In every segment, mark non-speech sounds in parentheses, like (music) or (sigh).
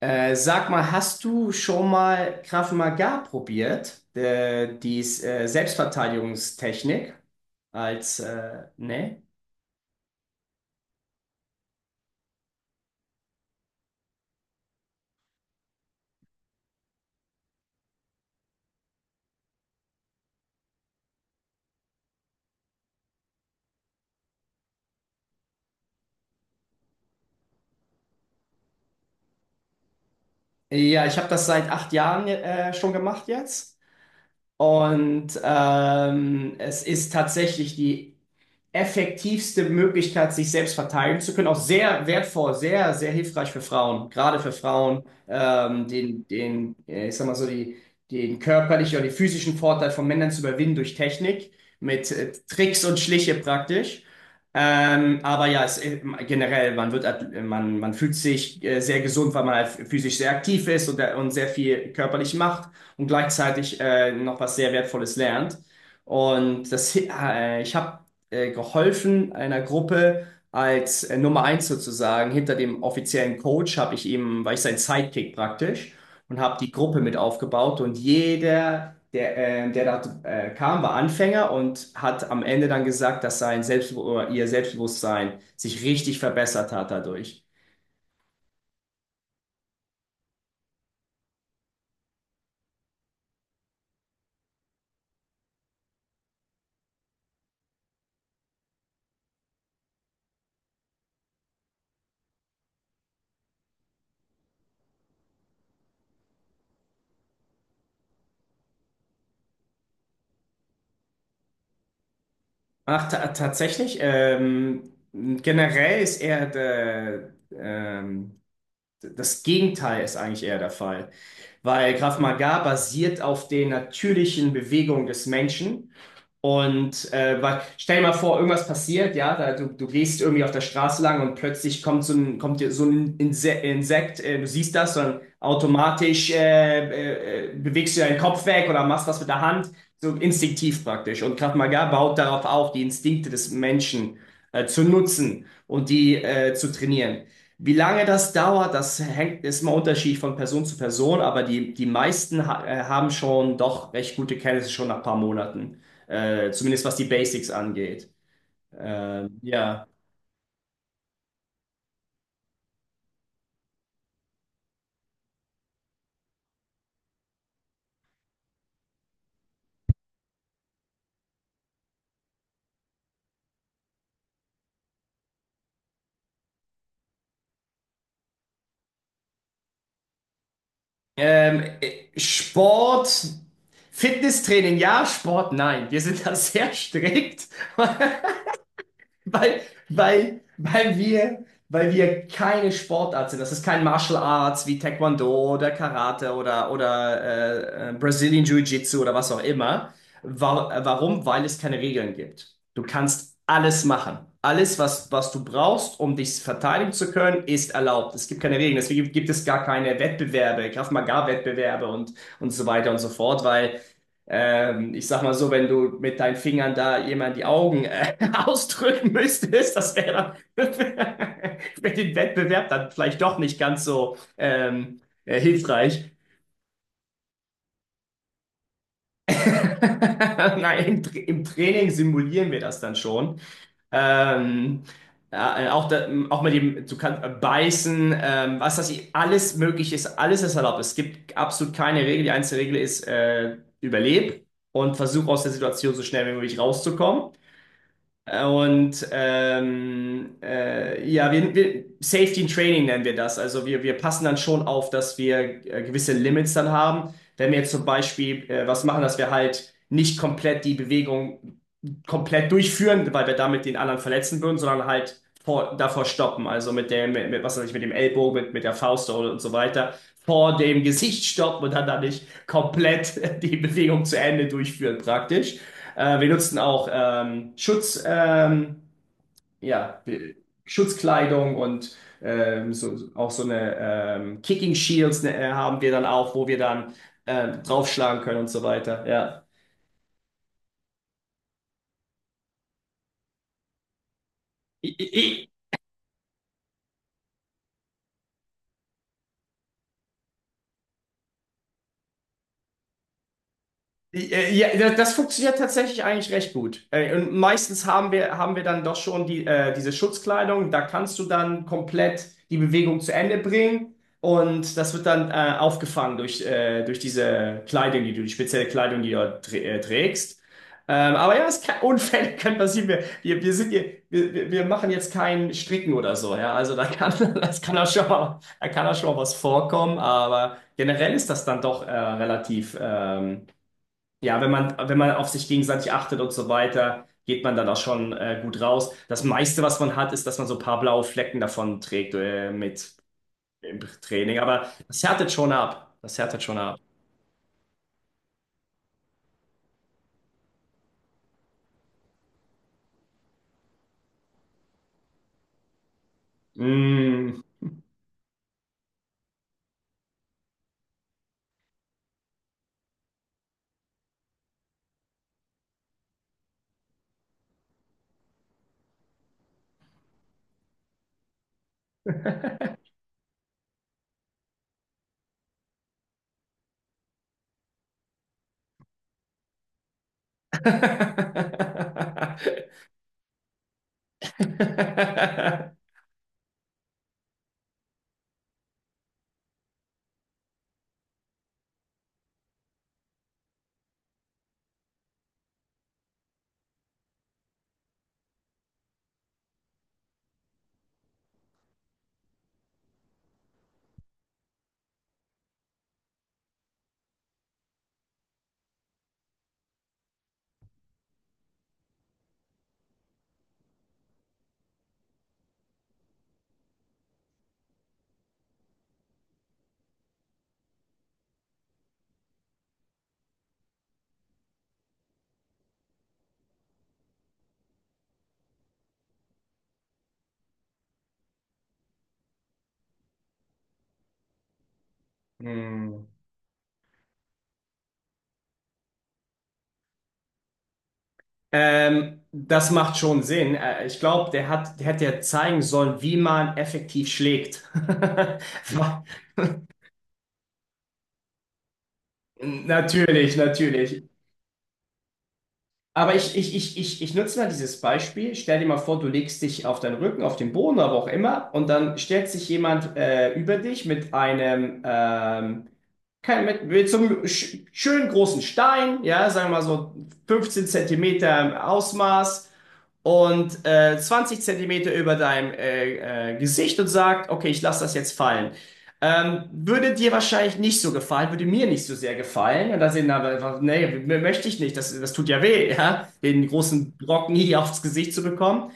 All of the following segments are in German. Sag mal, hast du schon mal Krav Maga probiert? Die Selbstverteidigungstechnik ne? Ja, ich habe das seit 8 Jahren schon gemacht jetzt. Und es ist tatsächlich die effektivste Möglichkeit, sich selbst verteidigen zu können. Auch sehr wertvoll, sehr, sehr hilfreich für Frauen, gerade für Frauen, ich sag mal so, den körperlichen oder den physischen Vorteil von Männern zu überwinden durch Technik, mit Tricks und Schliche praktisch. Aber ja, generell, man, man fühlt sich sehr gesund, weil man halt physisch sehr aktiv ist und sehr viel körperlich macht und gleichzeitig noch was sehr Wertvolles lernt. Und ich habe geholfen einer Gruppe als Nummer eins sozusagen. Hinter dem offiziellen Coach habe ich ihm, war ich sein Sidekick praktisch und habe die Gruppe mit aufgebaut, und jeder, der da kam, war Anfänger und hat am Ende dann gesagt, dass sein Selbstbewusst oder ihr Selbstbewusstsein sich richtig verbessert hat dadurch. Ach, ta tatsächlich, generell ist eher das Gegenteil ist eigentlich eher der Fall, weil Krav Maga basiert auf den natürlichen Bewegungen des Menschen. Und weil, stell dir mal vor, irgendwas passiert, ja, da, du gehst irgendwie auf der Straße lang und plötzlich kommt so ein, kommt dir so ein Insekt, du siehst das, dann automatisch bewegst du deinen Kopf weg oder machst was mit der Hand, so instinktiv praktisch. Und Krav Maga baut darauf auf, die Instinkte des Menschen zu nutzen und die zu trainieren. Wie lange das dauert, das hängt, ist mal unterschiedlich von Person zu Person, aber die meisten ha haben schon doch recht gute Kenntnisse schon nach ein paar Monaten. Zumindest was die Basics angeht. Ähm, ja. Sport, Fitnesstraining, ja, Sport, nein. Wir sind da sehr strikt. (laughs) Weil, weil wir keine Sportart sind. Das ist kein Martial Arts wie Taekwondo oder Karate oder Brazilian Jiu-Jitsu oder was auch immer. Warum? Weil es keine Regeln gibt. Du kannst alles machen. Alles, was du brauchst, um dich verteidigen zu können, ist erlaubt. Es gibt keine Regeln. Deswegen gibt es gar keine Wettbewerbe, Krav Maga-Wettbewerbe und so weiter und so fort, weil ich sag mal so, wenn du mit deinen Fingern da jemand die Augen (laughs) ausdrücken müsstest, das wäre dann (laughs) für den Wettbewerb dann vielleicht doch nicht ganz so hilfreich. (laughs) Nein, im Training simulieren wir das dann schon. Ähm, ja, auch, da, auch mit dem, du kannst beißen, was das alles möglich ist, alles ist erlaubt. Es gibt absolut keine Regel. Die einzige Regel ist, überleb und versuch aus der Situation so schnell wie möglich rauszukommen. Und ja, Safety in Training nennen wir das. Also wir passen dann schon auf, dass wir gewisse Limits dann haben. Wenn wir jetzt zum Beispiel was machen, dass wir halt nicht komplett die Bewegung komplett durchführen, weil wir damit den anderen verletzen würden, sondern halt davor stoppen. Also mit dem, mit, was weiß ich, mit dem Ellbogen, mit der Faust und so weiter, vor dem Gesicht stoppen und dann nicht komplett (laughs) die Bewegung zu Ende durchführen, praktisch. Wir nutzten auch ja, Be- Schutzkleidung und so, auch so eine Kicking Shields ne, haben wir dann auch, wo wir dann draufschlagen können und so weiter. Ja. I- i- das funktioniert tatsächlich eigentlich recht gut. Und meistens haben wir dann doch schon diese Schutzkleidung. Da kannst du dann komplett die Bewegung zu Ende bringen. Und das wird dann aufgefangen durch diese Kleidung, die du, die spezielle Kleidung, die du dort trägst. Aber ja, es kann, (laughs) Unfälle können passieren. Wir sind hier, wir machen jetzt kein Stricken oder so. Ja? Also da kann, (laughs) das kann auch schon mal, da kann auch schon mal was vorkommen. Aber generell ist das dann doch relativ. Ja, wenn man, wenn man auf sich gegenseitig achtet und so weiter, geht man dann auch schon gut raus. Das meiste, was man hat, ist, dass man so ein paar blaue Flecken davon trägt mit im Training. Aber das härtet schon ab. Das härtet schon ab. Mm. (laughs) Mm. Das macht schon Sinn. Ich glaube, der hätte ja zeigen sollen, wie man effektiv schlägt. (laughs) Natürlich, natürlich. Aber ich nutze mal dieses Beispiel. Stell dir mal vor, du legst dich auf deinen Rücken, auf den Boden, aber auch immer, und dann stellt sich jemand über dich mit mit so einem schönen großen Stein, ja, sagen wir mal so 15 Zentimeter im Ausmaß, und 20 Zentimeter über deinem Gesicht und sagt, okay, ich lasse das jetzt fallen. Würde dir wahrscheinlich nicht so gefallen, würde mir nicht so sehr gefallen. Und da sind aber einfach, nee, möchte ich nicht, das tut ja weh, ja? Den großen Brocken hier aufs Gesicht zu bekommen.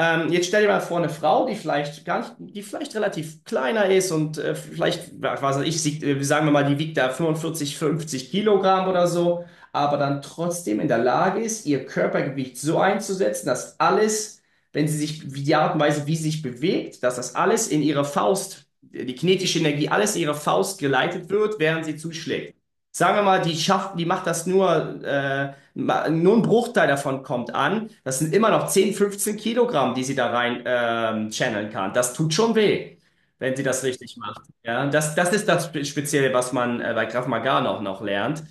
Jetzt stell dir mal vor, eine Frau, die vielleicht gar nicht, die vielleicht relativ kleiner ist und vielleicht, was weiß ich, sagen wir mal, die wiegt da 45, 50 Kilogramm oder so, aber dann trotzdem in der Lage ist, ihr Körpergewicht so einzusetzen, dass alles, wenn sie sich, wie die Art und Weise, wie sie sich bewegt, dass das alles in ihre Faust, die kinetische Energie, alles in ihre Faust geleitet wird, während sie zuschlägt. Sagen wir mal, die schafft, die macht das nur nur ein Bruchteil davon kommt an. Das sind immer noch 10, 15 Kilogramm, die sie da rein channeln kann. Das tut schon weh, wenn sie das richtig macht. Ja, das ist das Spezielle, was man bei Krav Maga noch, noch lernt.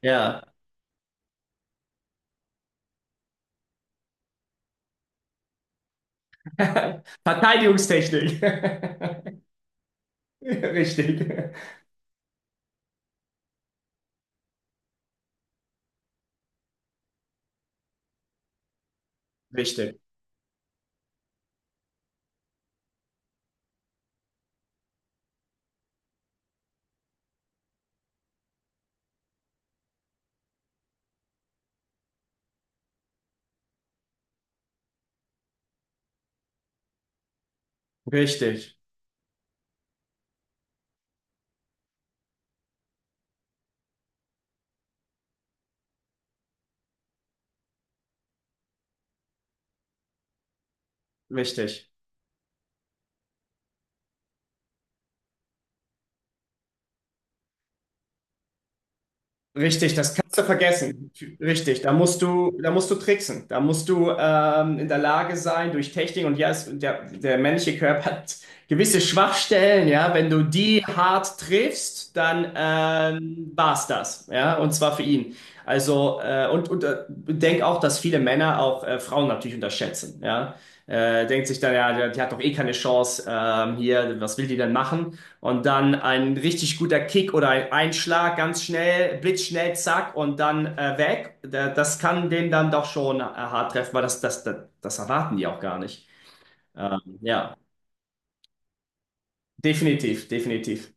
Ja. (laughs) Verteidigungstechnik. (laughs) Richtig. Richtig. Richtig. Richtig. Richtig, das kannst du vergessen. Richtig, da musst du tricksen. Da musst du in der Lage sein, durch Technik und ja, es, der männliche Körper hat gewisse Schwachstellen, ja. Wenn du die hart triffst, dann war's das, ja. Und zwar für ihn. Also und denk auch, dass viele Männer auch Frauen natürlich unterschätzen, ja. Denkt sich dann, ja, die hat doch eh keine Chance hier, was will die denn machen? Und dann ein richtig guter Kick oder ein Einschlag, ganz schnell, blitzschnell, zack, und dann weg. Das kann den dann doch schon hart treffen, weil das erwarten die auch gar nicht. Ja, definitiv, definitiv.